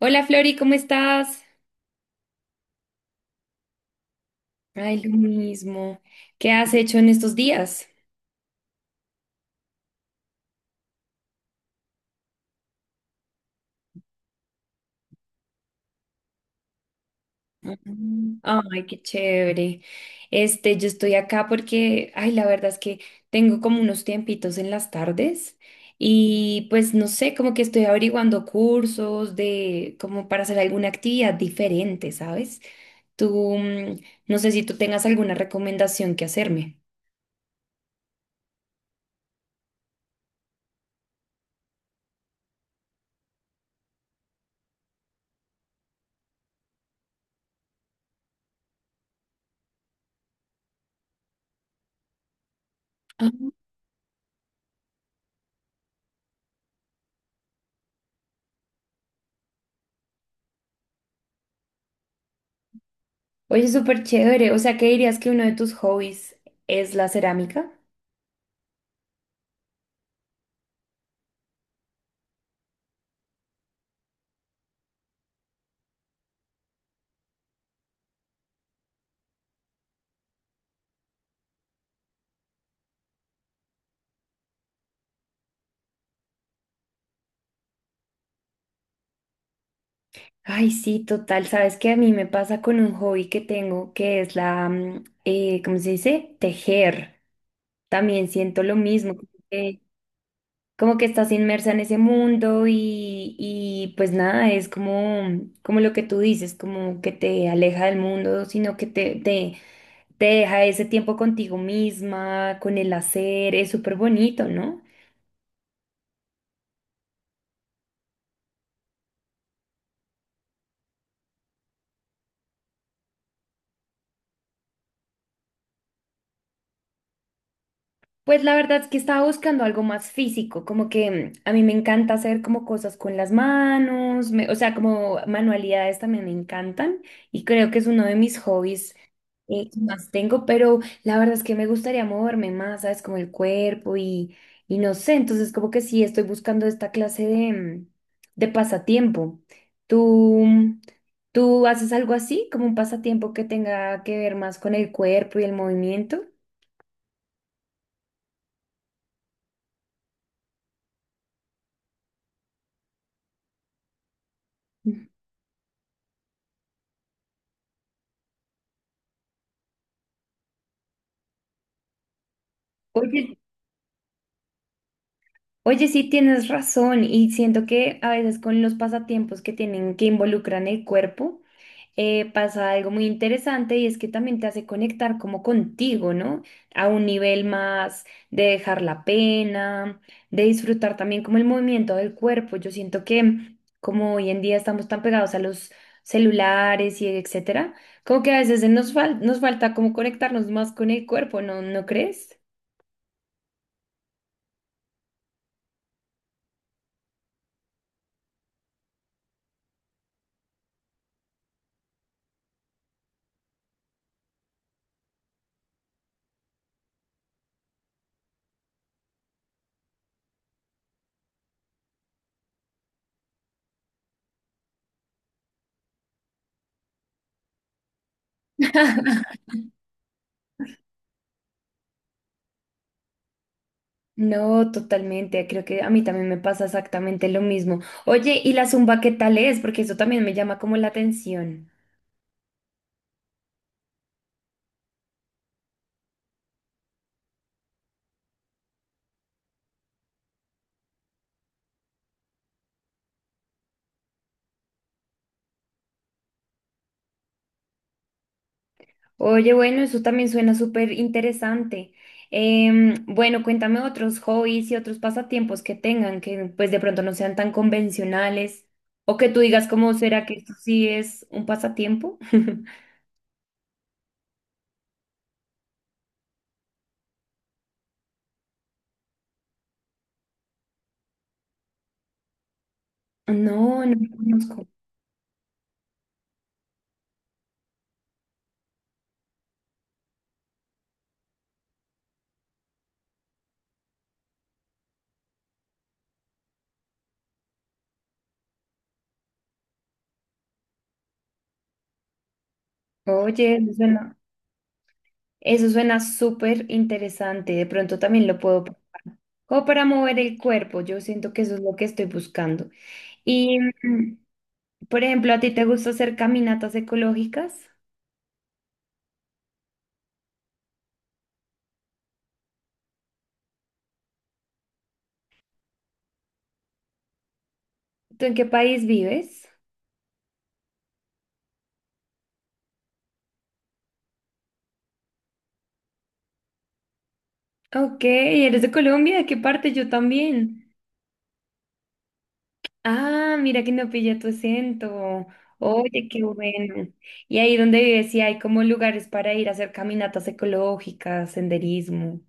Hola Flori, ¿cómo estás? Ay, lo mismo. ¿Qué has hecho en estos días? Mm. Ay, qué chévere. Este, yo estoy acá porque, ay, la verdad es que tengo como unos tiempitos en las tardes y pues no sé, como que estoy averiguando cursos de, como para hacer alguna actividad diferente, ¿sabes? Tú, no sé si tú tengas alguna recomendación que hacerme. Ah, oye, súper chévere. O sea, ¿qué dirías que uno de tus hobbies es la cerámica? Ay, sí, total. Sabes que a mí me pasa con un hobby que tengo, que es la, ¿cómo se dice? Tejer. También siento lo mismo, como que estás inmersa en ese mundo y pues nada, es como, como lo que tú dices, como que te aleja del mundo, sino que te deja ese tiempo contigo misma, con el hacer. Es súper bonito, ¿no? Pues la verdad es que estaba buscando algo más físico, como que a mí me encanta hacer como cosas con las manos, o sea, como manualidades también me encantan y creo que es uno de mis hobbies que más tengo, pero la verdad es que me gustaría moverme más, ¿sabes? Como el cuerpo y no sé, entonces como que sí estoy buscando esta clase de, de pasatiempo. ¿Tú, tú haces algo así, como un pasatiempo que tenga que ver más con el cuerpo y el movimiento? Ujú. Oye, Oye, sí tienes razón y siento que a veces con los pasatiempos que tienen que involucran el cuerpo, pasa algo muy interesante y es que también te hace conectar como contigo, ¿no? A un nivel más de dejar la pena, de disfrutar también como el movimiento del cuerpo. Yo siento que como hoy en día estamos tan pegados a los celulares y etcétera, como que a veces nos falta como conectarnos más con el cuerpo, ¿no? ¿No crees? No, totalmente. Creo que a mí también me pasa exactamente lo mismo. Oye, ¿y la zumba qué tal es? Porque eso también me llama como la atención. Oye, bueno, eso también suena súper interesante. Bueno, cuéntame otros hobbies y otros pasatiempos que tengan que pues de pronto no sean tan convencionales o que tú digas cómo será que esto sí es un pasatiempo. No, no lo conozco. Oye, eso suena súper interesante. De pronto también lo puedo. Como para mover el cuerpo, yo siento que eso es lo que estoy buscando. Y, mm, por ejemplo, ¿a ti te gusta hacer caminatas ecológicas? ¿Tú en qué país vives? Ok, ¿eres de Colombia? ¿De qué parte? Yo también. Ah, mira que no pillé tu acento. Oye, qué bueno. Y ahí donde vives, sí hay como lugares para ir a hacer caminatas ecológicas, senderismo.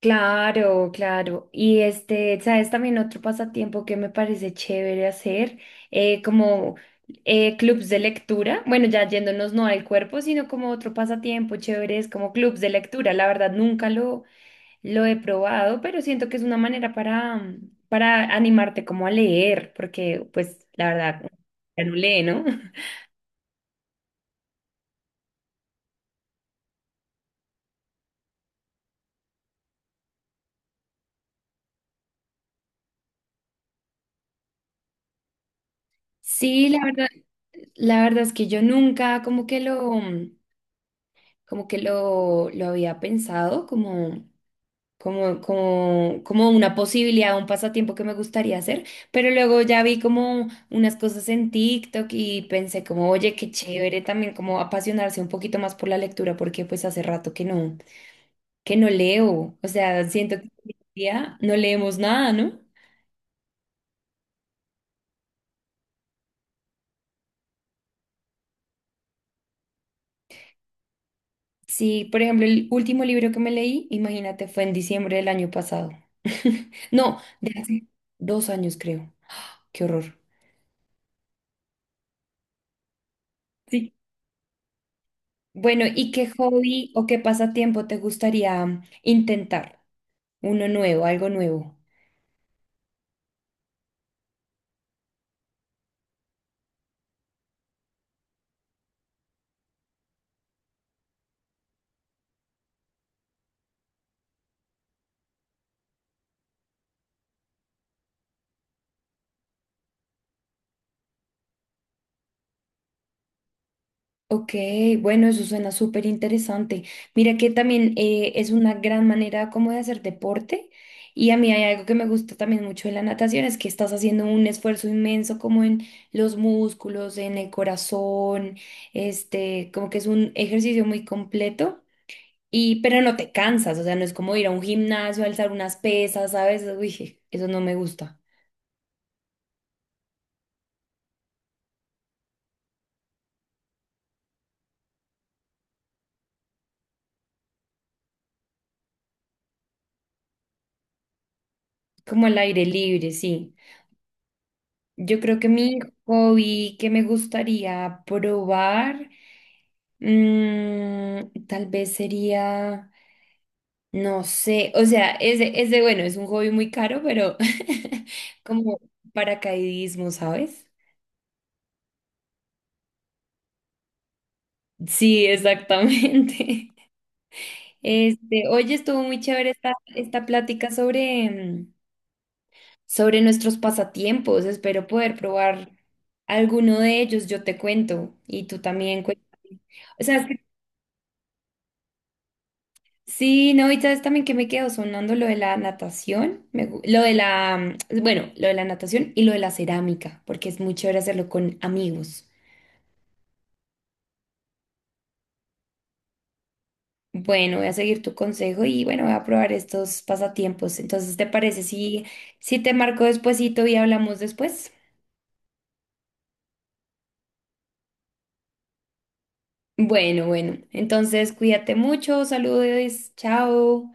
Claro, claro. Y este, sabes, también otro pasatiempo que me parece chévere hacer, como clubs de lectura. Bueno, ya yéndonos no al cuerpo, sino como otro pasatiempo chévere es como clubs de lectura. La verdad, nunca lo, lo he probado, pero siento que es una manera para, para animarte como a leer, porque pues la verdad, ya no lee, ¿no? Sí, la verdad. La verdad es que yo nunca lo había pensado, como una posibilidad, un pasatiempo que me gustaría hacer, pero luego ya vi como unas cosas en TikTok y pensé como, oye, qué chévere también como apasionarse un poquito más por la lectura, porque pues hace rato que no leo, o sea, siento que hoy en día no leemos nada, ¿no? Sí, por ejemplo, el último libro que me leí, imagínate, fue en diciembre del año pasado. No, de hace dos años creo. Qué horror. Sí. Bueno, ¿y qué hobby o qué pasatiempo te gustaría intentar? Uno nuevo, algo nuevo. Ok, bueno, eso suena súper interesante. Mira que también es una gran manera como de hacer deporte y a mí hay algo que me gusta también mucho de la natación, es que estás haciendo un esfuerzo inmenso como en los músculos, en el corazón, este, como que es un ejercicio muy completo y pero no te cansas, o sea, no es como ir a un gimnasio, alzar unas pesas, ¿sabes? Uy, je, eso no me gusta. Como al aire libre, sí. Yo creo que mi hobby que me gustaría probar, tal vez sería, no sé, o sea, bueno, es un hobby muy caro, pero como paracaidismo, ¿sabes? Sí, exactamente. Este, oye, estuvo muy chévere esta plática sobre, sobre nuestros pasatiempos. Espero poder probar alguno de ellos. Yo te cuento y tú también cuéntame. O sea, es que- sí, no, y sabes también que me quedo sonando lo de la natación, lo de la, bueno, lo de la natación y lo de la cerámica, porque es muy chévere hacerlo con amigos. Bueno, voy a seguir tu consejo y bueno, voy a probar estos pasatiempos. Entonces, ¿te parece si, si te marco despuesito y hablamos después? Bueno, bueno, entonces cuídate mucho, saludos, chao.